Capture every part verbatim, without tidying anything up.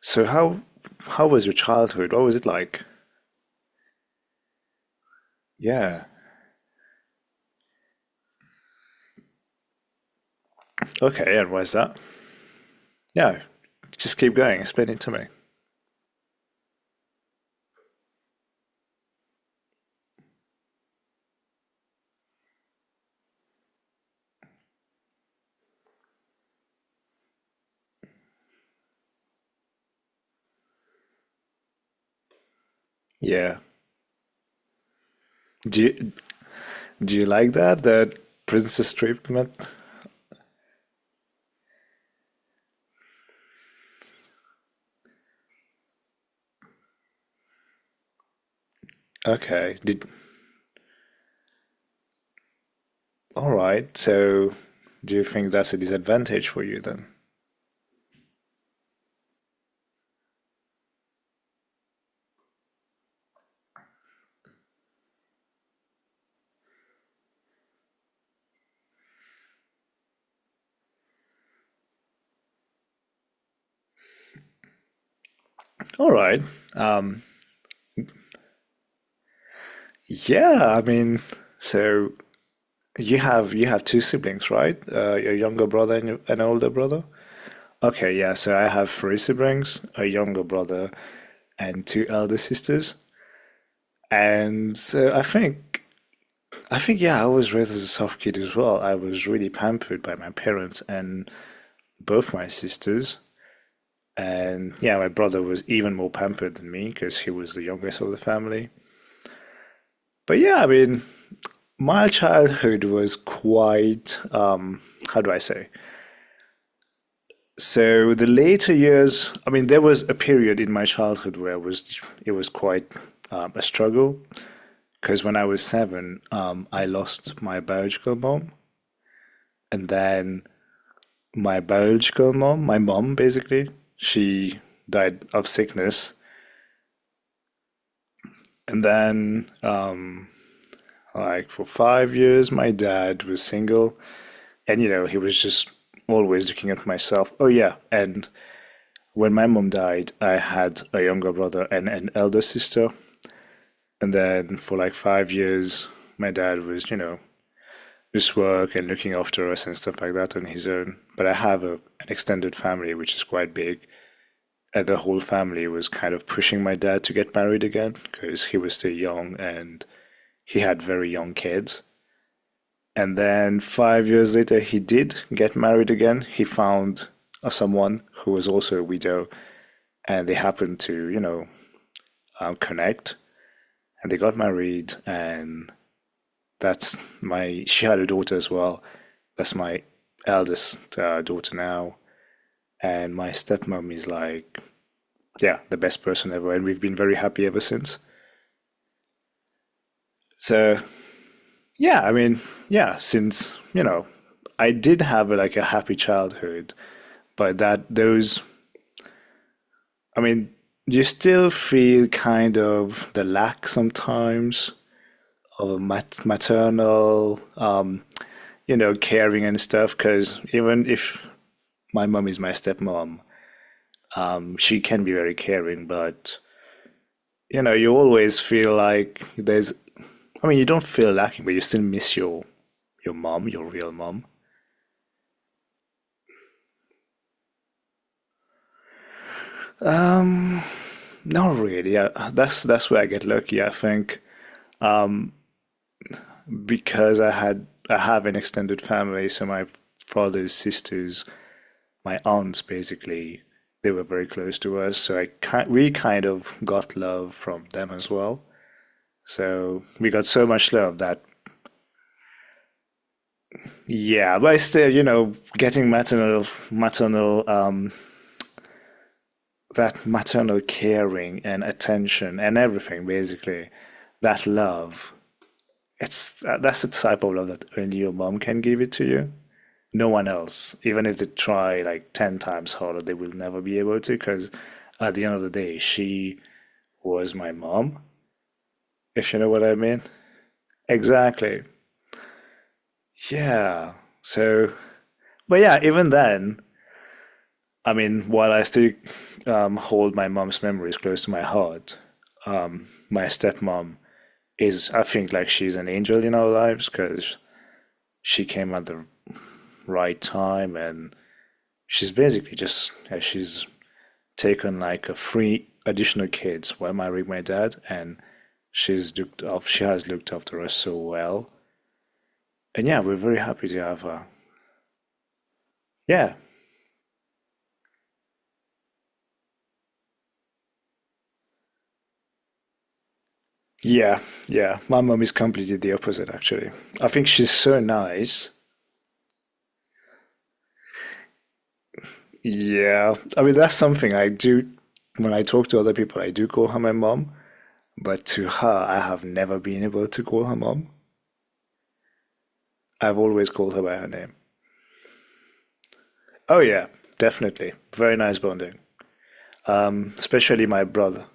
So how how was your childhood? What was it like? Yeah. Okay, and where's that? No, just keep going. Explain it to me. Yeah. Do you do you like that? That princess treatment? Okay. Did all right. So do you think that's a disadvantage for you then? All right. Um. Yeah. I mean, so you have you have two siblings, right? Uh, your younger brother and your- an older brother. Okay. Yeah. So I have three siblings, a younger brother, and two elder sisters. And so I think, I think, yeah, I was raised as a soft kid as well. I was really pampered by my parents and both my sisters. And yeah, my brother was even more pampered than me because he was the youngest of the family. But yeah, I mean, my childhood was quite, um, how do I say? So the later years, I mean, there was a period in my childhood where it was it was quite um, a struggle. Because when I was seven, um, I lost my biological mom. And then my biological mom, my mom basically, she died of sickness. And then, uh, like, for five years, my dad was single. And, you know, he was just always looking at myself. Oh, yeah. And when my mom died, I had a younger brother and an elder sister. And then for like five years, my dad was, you know, just work and looking after us and stuff like that on his own. But I have a, an extended family, which is quite big. And the whole family was kind of pushing my dad to get married again because he was still young and he had very young kids. And then five years later, he did get married again. He found uh, someone who was also a widow and they happened to, you know, um, connect and they got married. And that's my, she had a daughter as well. That's my eldest uh, daughter now. And my stepmom is like, yeah, the best person ever. And we've been very happy ever since. So, yeah, I mean, yeah, since, you know, I did have a, like a happy childhood, but that those, I mean, you still feel kind of the lack sometimes of mat- maternal, um, you know, caring and stuff. Because even if my mom is my stepmom, um, she can be very caring, but you know, you always feel like there's, I mean, you don't feel lacking, but you still miss your your mom, your real mom. Not really. I, that's that's where I get lucky, I think, because I had I have an extended family, so my father's sisters, my aunts, basically, they were very close to us. So I ki we kind of got love from them as well. So we got so much love that yeah, but still, you know, getting maternal maternal um, that maternal caring and attention and everything, basically, that love. It's uh, that's the type of love that only your mom can give it to you. No one else, even if they try like ten times harder, they will never be able to. Because at the end of the day, she was my mom, if you know what I mean. Exactly. Yeah. So, but yeah, even then, I mean, while I still um, hold my mom's memories close to my heart, um, my stepmom is I think like she's an angel in our lives because she came at the right time and she's basically just uh, she's taken like a three additional kids while marrying my dad and she's looked up she has looked after us so well, and yeah, we're very happy to have her. yeah yeah yeah, my mom is completely the opposite actually. I think she's so nice. Yeah, I mean that's something I do. When I talk to other people I do call her my mom. But to her, I have never been able to call her mom. I've always called her by her name. Oh, yeah, definitely. Very nice bonding. Um, especially my brother.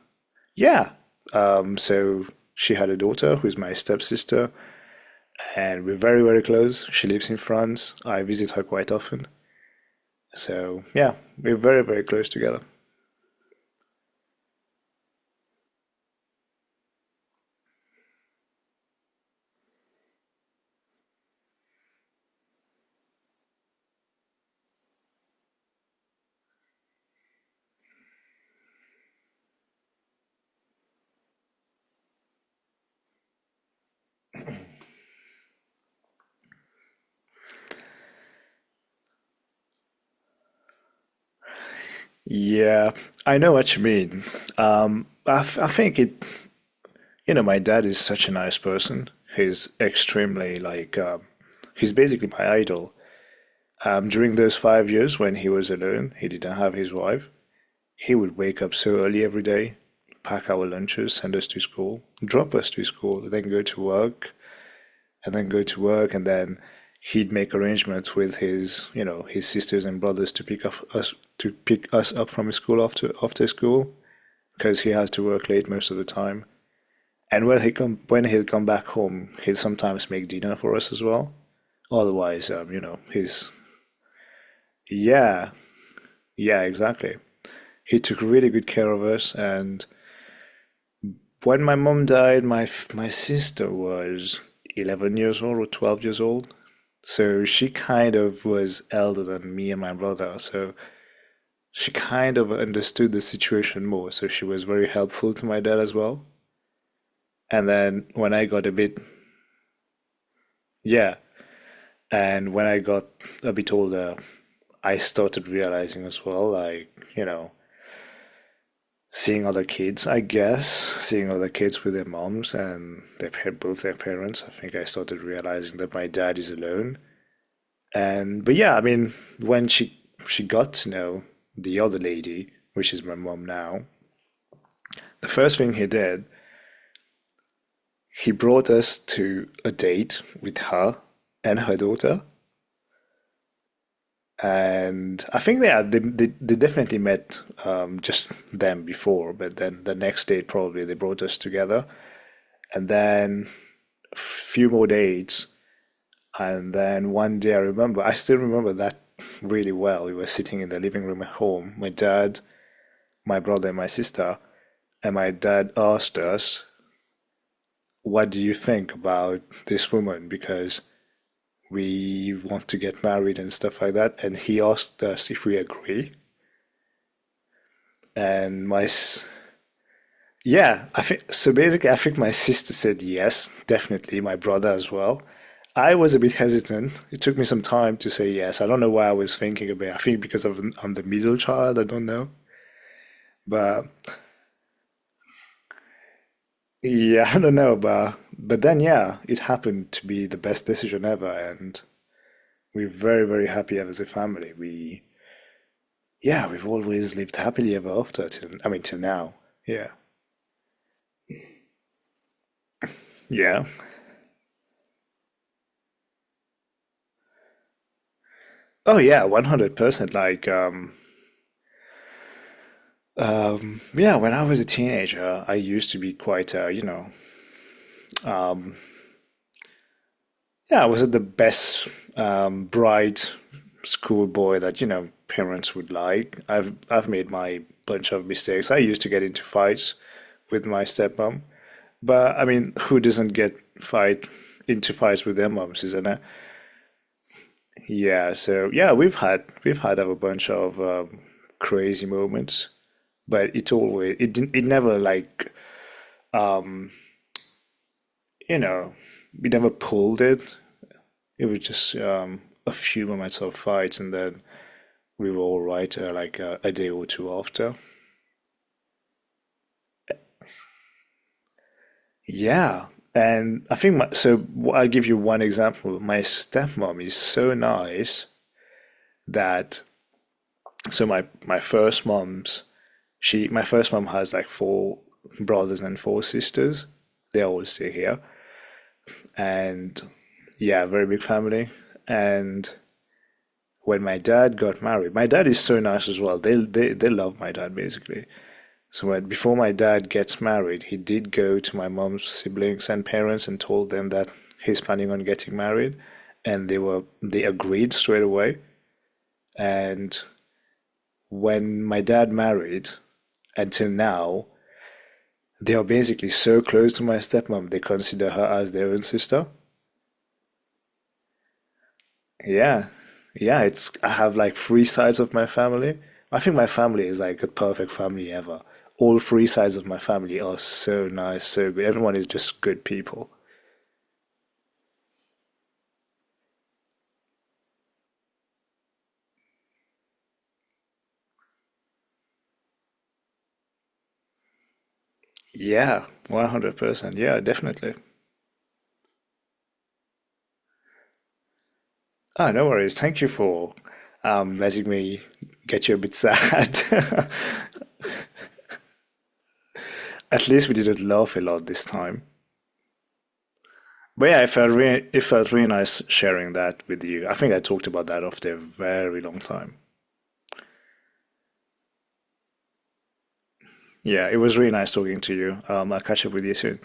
Yeah. Um, so she had a daughter who's my stepsister, and we're very, very close. She lives in France. I visit her quite often. So, yeah, we're very, very close together. Yeah, I know what you mean. Um, I, f- I think it you know, my dad is such a nice person. He's extremely like, um, he's basically my idol. Um, during those five years when he was alone, he didn't have his wife. He would wake up so early every day, pack our lunches, send us to school, drop us to school, and then go to work, and then go to work, and then he'd make arrangements with his, you know, his sisters and brothers to pick up us to pick us up from school after after school because he has to work late most of the time. And when he come when he'll come back home, he'll sometimes make dinner for us as well. Otherwise, um, you know, he's yeah, yeah, exactly. He took really good care of us. And when my mom died, my my sister was eleven years old or twelve years old. So she kind of was elder than me and my brother. So she kind of understood the situation more. So she was very helpful to my dad as well. And then when I got a bit, yeah, and when I got a bit older, I started realizing as well, like, you know, seeing other kids, I guess, seeing other kids with their moms and their pa- both their parents, I think I started realizing that my dad is alone. And but yeah, I mean, when she she got to know the other lady, which is my mom now, the first thing he did, he brought us to a date with her and her daughter. And I think yeah, they they, they definitely met um, just them before, but then the next date probably they brought us together, and then a few more dates, and then one day I remember I still remember that really well. We were sitting in the living room at home, my dad, my brother, and my sister, and my dad asked us, "What do you think about this woman?" Because we want to get married and stuff like that, and he asked us if we agree and my yeah, I think so. Basically, I think my sister said yes, definitely. My brother as well. I was a bit hesitant. It took me some time to say yes. I don't know why I was thinking about it. I think because of I'm the middle child. I don't know, but yeah, I don't know. But but then yeah, it happened to be the best decision ever, and we're very, very happy as a family. We yeah, we've always lived happily ever after. Till, I mean, till now. Yeah. Yeah. Oh yeah, one hundred percent. Like um Um, yeah, when I was a teenager, I used to be quite, uh, you know, yeah, I wasn't the best um, bright schoolboy that, you know, parents would like. I've I've made my bunch of mistakes. I used to get into fights with my stepmom, but I mean, who doesn't get fight into fights with their moms, isn't it? Yeah, so yeah, we've had we've had a bunch of um, crazy moments, but it always it didn't it never like you know we never pulled it. It was just um, a few moments of fights, and then we were all right uh, like uh, a day or two after. Yeah, and I think my, so. I'll give you one example. My stepmom is so nice that so my my first mom's she my first mom has like four brothers and four sisters. They're all still here, and yeah, very big family. And when my dad got married, my dad is so nice as well. They they they love my dad basically. So my, before my dad gets married, he did go to my mom's siblings and parents and told them that he's planning on getting married, and they were they agreed straight away. And when my dad married, until now, they are basically so close to my stepmom. They consider her as their own sister. Yeah, yeah. It's I have like three sides of my family. I think my family is like the perfect family ever. All three sides of my family are so nice, so good. Everyone is just good people. Yeah, one hundred percent. Yeah, definitely. Ah, no worries. Thank you for um, letting me get you a bit sad. At least we didn't laugh a lot this time. But yeah, it felt really, it felt really nice sharing that with you. I think I talked about that after a very long time. Yeah, it was really nice talking to you. Um, I'll catch up with you soon.